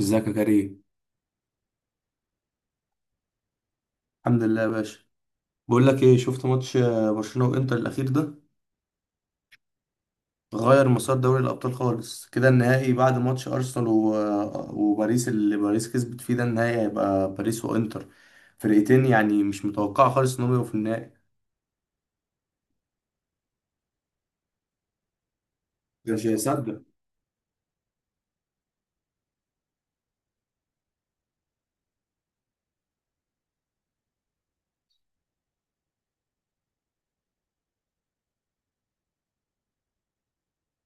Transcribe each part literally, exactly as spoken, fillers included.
ازيك يا كريم؟ الحمد لله يا باشا. بقول لك ايه، شفت ماتش آه، برشلونة وانتر الاخير ده؟ غير مسار دوري الابطال خالص كده. النهائي بعد ماتش ارسنال و... آه، وباريس اللي باريس كسبت فيه ده، النهائي هيبقى باريس وانتر. فرقتين يعني مش متوقعة خالص انهم يبقوا في النهائي. مش هيصدق.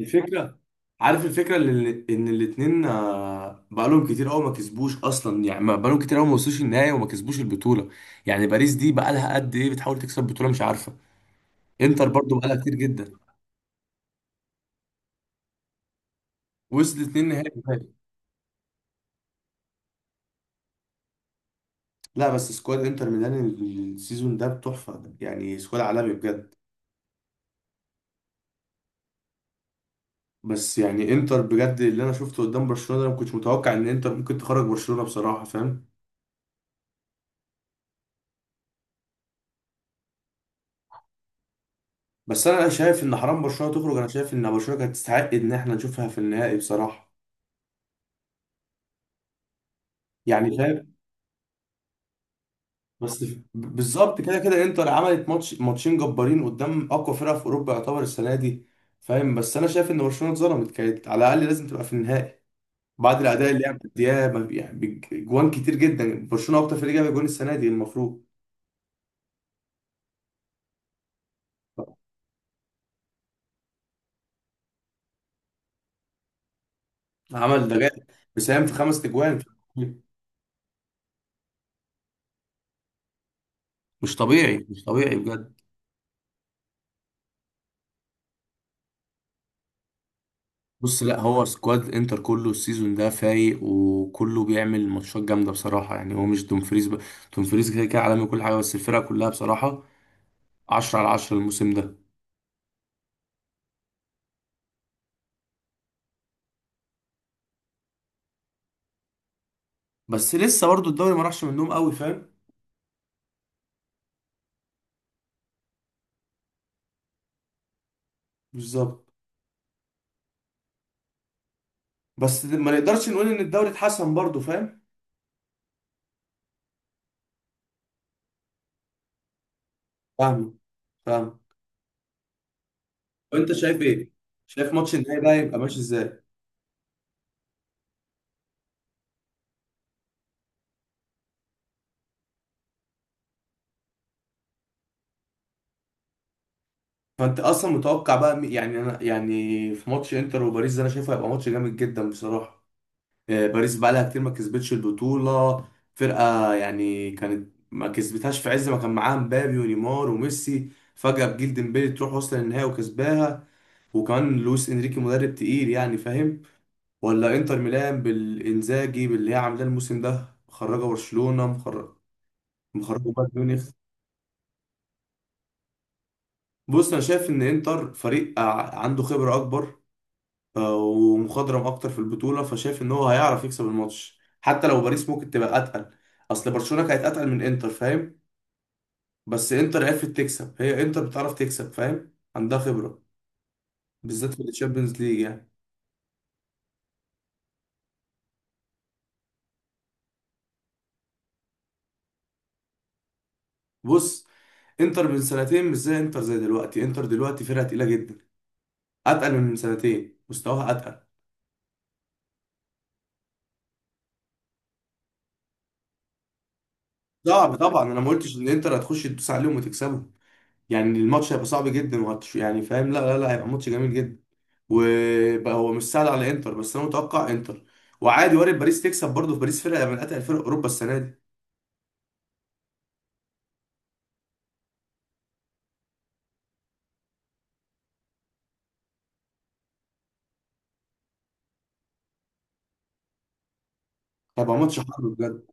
الفكرة، عارف الفكرة اللي ان الاتنين، آه، بقالهم كتير قوي ما كسبوش اصلا، يعني ما- بقالهم كتير قوي ما وصلوش النهائي وما كسبوش البطولة. يعني باريس دي بقالها قد ايه بتحاول تكسب بطولة مش عارفة. انتر برضو بقالها كتير جدا. وصل اتنين نهائي باين. لا بس سكواد انتر ميلان السيزون ده تحفه، يعني سكواد عالمي بجد. بس يعني انتر بجد اللي انا شفته قدام برشلونه ده، ما كنتش متوقع ان انتر ممكن تخرج برشلونه بصراحه، فاهم. بس انا شايف ان حرام برشلونه تخرج، انا شايف ان برشلونه كانت تستحق ان احنا نشوفها في النهائي بصراحه. يعني فاهم. بس ف- بالظبط كده كده انتر عملت ماتش ماتشين جبارين قدام اقوى فرقه في اوروبا يعتبر السنه دي. فاهم بس انا شايف ان برشلونه اتظلمت، كانت على الاقل لازم تبقى في النهائي بعد الاداء اللي هي مدياه. ما- يعني بج- جوان كتير جدا، برشلونه اكتر فريق جاب جوان السنه دي المفروض. عمل ده جاب، بيساهم في خمس اجوان. مش طبيعي، مش طبيعي بجد. بص، لا هو سكواد انتر كله السيزون ده فايق، وكله بيعمل ماتشات جامده بصراحه. يعني هو مش دومفريز ب... دومفريز كده كده عالمي كل حاجه، بس الفرقه كلها بصراحه عشرة على عشرة الموسم ده. بس لسه برضو الدوري ما راحش منهم قوي، فاهم. بالظبط. بالظبط بس ما نقدرش نقول ان الدوري اتحسن برضه، فاهم. فاهم. فاهم. وانت شايف ايه؟ شايف ماتش النهائي ده هيبقى ماشي ازاي؟ فانت اصلا متوقع بقى مي- يعني انا يعني في ماتش انتر وباريس ده انا شايفه هيبقى ماتش جامد جدا بصراحه. آه، باريس بقى لها كتير ما كسبتش البطوله. فرقه يعني كانت ما كسبتهاش في عز ما كان معاها مبابي ونيمار وميسي، فجاه بجيل ديمبلي تروح وصل النهائي وكسباها، وكمان لويس انريكي مدرب تقيل، يعني فاهم. ولا انتر ميلان بالانزاجي، باللي هي عاملاه الموسم ده، مخرجه برشلونه، مخرجه، مخرجه بايرن ميونخ. بص، انا شايف ان انتر فريق ع- عنده خبره اكبر آه، ومخضرم اكتر في البطوله، فشايف ان هو هيعرف يكسب الماتش حتى لو باريس ممكن تبقى اتقل. اصل برشلونه كانت اتقل من انتر، فاهم. بس انتر عرفت تكسب، هي انتر بتعرف تكسب، فاهم، عندها خبره بالذات في الشامبيونز ليج يعني. بص، انتر من سنتين مش زي انتر زي دلوقتي. انتر دلوقتي فرقه تقيله جدا، اتقل من من سنتين، مستواها اتقل. صعب طبعا، انا ما قلتش ان انتر هتخش تدوس عليهم وتكسبهم. يعني الماتش هيبقى صعب جدا، وهتش يعني فاهم، لا لا لا هيبقى ماتش جميل جدا. وبقى هو مش سهل على انتر، بس انا متوقع انتر. وعادي، وارد باريس تكسب برضه. في باريس فرقه من اتقل فرق اوروبا السنه دي. هيبقى ماتش حرب بجد.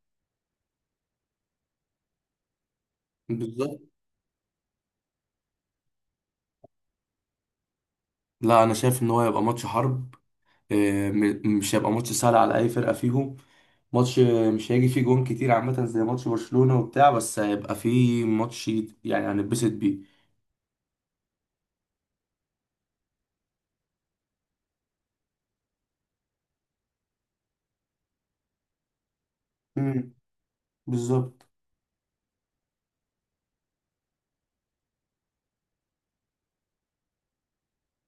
بالظبط، لا انا شايف ان هو هيبقى ماتش حرب. آه، م- مش هيبقى ماتش سهل على اي فرقه فيهم. ماتش، آه، مش هيجي فيه جون كتير عامه زي ماتش برشلونه وبتاع، بس هيبقى فيه ماتش يعني هنتبسط بيه. امم. بالظبط.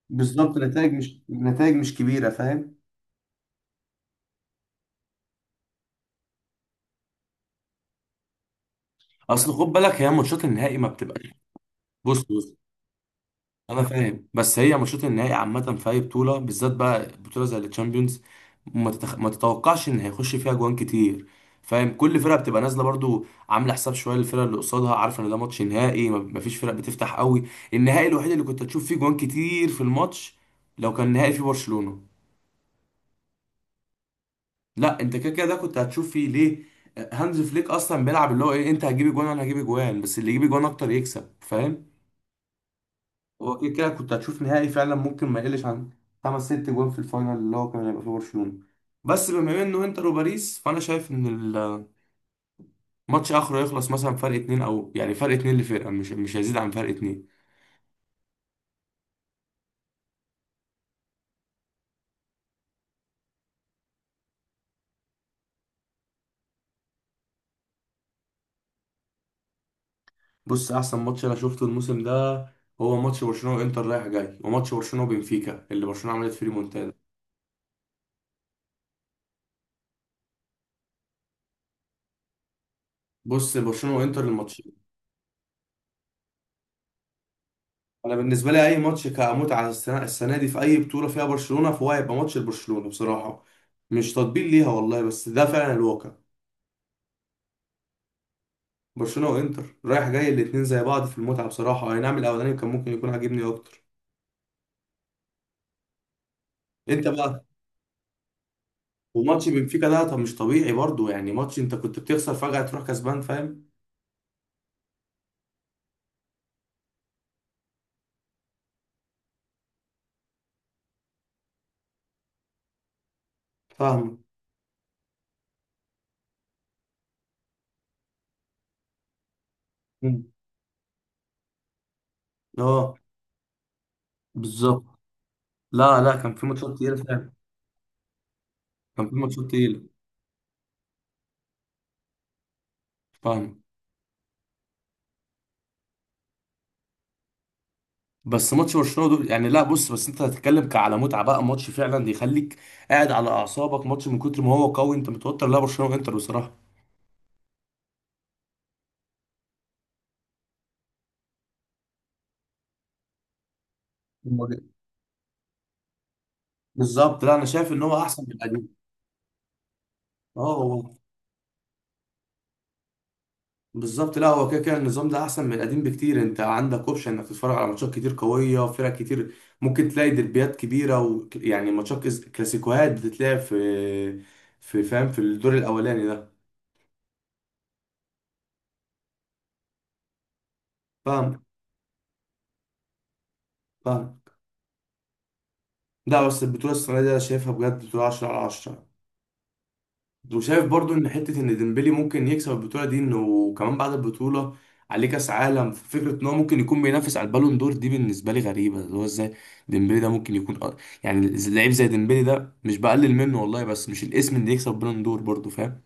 بالظبط، نتائج مش، نتائج مش كبيره، فاهم. اصل خد بالك هي ماتشات النهائي ما بتبقاش. بص بص، انا فاهم، بس هي ماتشات النهائي عامه في اي بطوله، بالذات بقى بطوله زي التشامبيونز، ما, تتخ... ما تتوقعش ان هيخش فيها جوان كتير. فاهم، كل فرقه بتبقى نازله برضو عامله حساب شويه للفرقه اللي قصادها، عارفه ان ده ماتش نهائي، ما ما فيش فرق بتفتح قوي. النهائي الوحيد اللي كنت هتشوف فيه جوان كتير في الماتش لو كان نهائي في برشلونه. لا انت كده كده ده كنت هتشوف فيه ليه، هانز فليك اصلا بيلعب اللي هو ايه، انت هتجيب جوان انا هجيب جوان، بس اللي يجيب جوان اكتر يكسب، فاهم. هو كده كده كنت هتشوف نهائي فعلا ممكن ما يقلش عن خمس ست جوان في الفاينل، اللي هو كان هيبقى فيه برشلونة. بس بما انه انتر وباريس، فانا شايف ان الماتش اخره يخلص مثلا فرق اتنين، او يعني فرق اتنين لفرقة، مش مش هيزيد عن فرق اتنين. بص احسن ماتش انا شفته الموسم ده، هو ماتش برشلونة وانتر رايح جاي، وماتش برشلونة وبنفيكا اللي برشلونة عملت فيه ريمونتادا. بص، برشلونة وانتر الماتش. انا بالنسبة لي اي ماتش كمتعة السنة، السنة دي في اي بطولة فيها برشلونة فهو هيبقى ماتش لبرشلونة بصراحة. مش تطبيل ليها والله، بس ده فعلا الواقع. برشلونه وانتر رايح جاي الاثنين زي بعض في المتعه بصراحه، اي نعم الاولاني كان ممكن يكون عاجبني اكتر. انت بقى. وماتش بنفيكا ده طب مش طبيعي برضو، يعني ماتش انت كنت بتخسر فجاه تروح كسبان، فاهم. فاهمه. مم. اه. بالظبط. لا لا كان في ماتشات تقيله فعلا. كان في ماتشات تقيله. فاهم. بس ماتش برشلونه دول، يعني لا بص بس انت هتتكلم ك- على متعه بقى ماتش فعلا بيخليك قاعد على اعصابك ماتش من كتر ما هو قوي انت متوتر، لا برشلونه وانتر بصراحه. بالظبط، لا انا شايف ان هو احسن من القديم. اه هو. بالظبط، لا هو كده كده النظام ده احسن من القديم بكتير. انت عندك اوبشن انك تتفرج على ماتشات كتير قويه وفرق كتير، ممكن تلاقي دربيات كبيره، ويعني ماتشات كز- كلاسيكوهات بتتلعب في في، فاهم، في الدور الاولاني ده. فاهم. فاهم. لا بس البطوله السنه دي انا شايفها بجد بطوله عشرة على عشرة. وشايف برضو ان حته ان ديمبلي ممكن يكسب البطوله دي، انه كمان بعد البطوله عليه كاس عالم، فكره ان هو ممكن يكون بينافس على البالون دور دي بالنسبه لي غريبه، اللي هو ازاي ديمبلي ده ممكن يكون أ- يعني لعيب زي ديمبلي ده، مش بقلل منه والله، بس مش الاسم اللي يكسب بالون دور برضو، فاهم.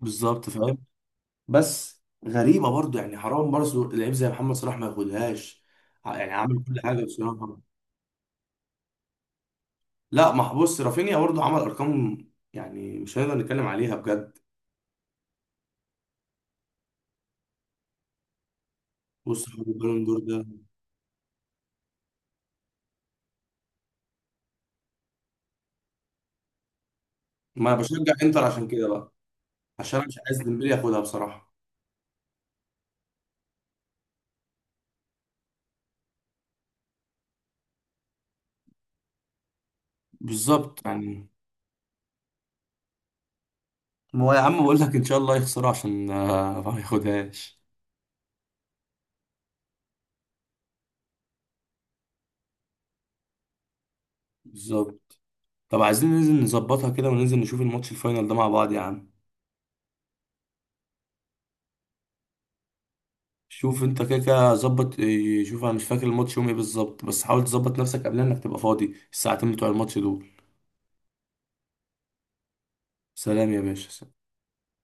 بالظبط، فاهم. بس غريبه برضو، يعني حرام برضو لعيب زي محمد صلاح ما ياخدهاش. ع- يعني عمل كل حاجه بصراحه. لا ما بص رافينيا برضو عمل ارقام، يعني مش هنقدر نتكلم عليها بجد. بص حوار البالون دور ده، ما أنا بشجع انتر عشان كده بقى، عشان انا مش عايز ديمبلي ياخدها بصراحه. بالظبط يعني. ما هو يا عم بقول لك ان شاء الله يخسرها عشان آه، ما ياخدهاش. بالظبط. طب عايزين ننزل نظبطها كده وننزل نشوف الماتش الفاينل ده مع بعض يا عم. شوف انت كده كده ظبط إيه، شوف انا مش فاكر الماتش يوم ايه بالظبط، بس حاول تظبط نفسك قبل انك تبقى فاضي الساعتين بتوع الماتش دول. سلام يا باشا.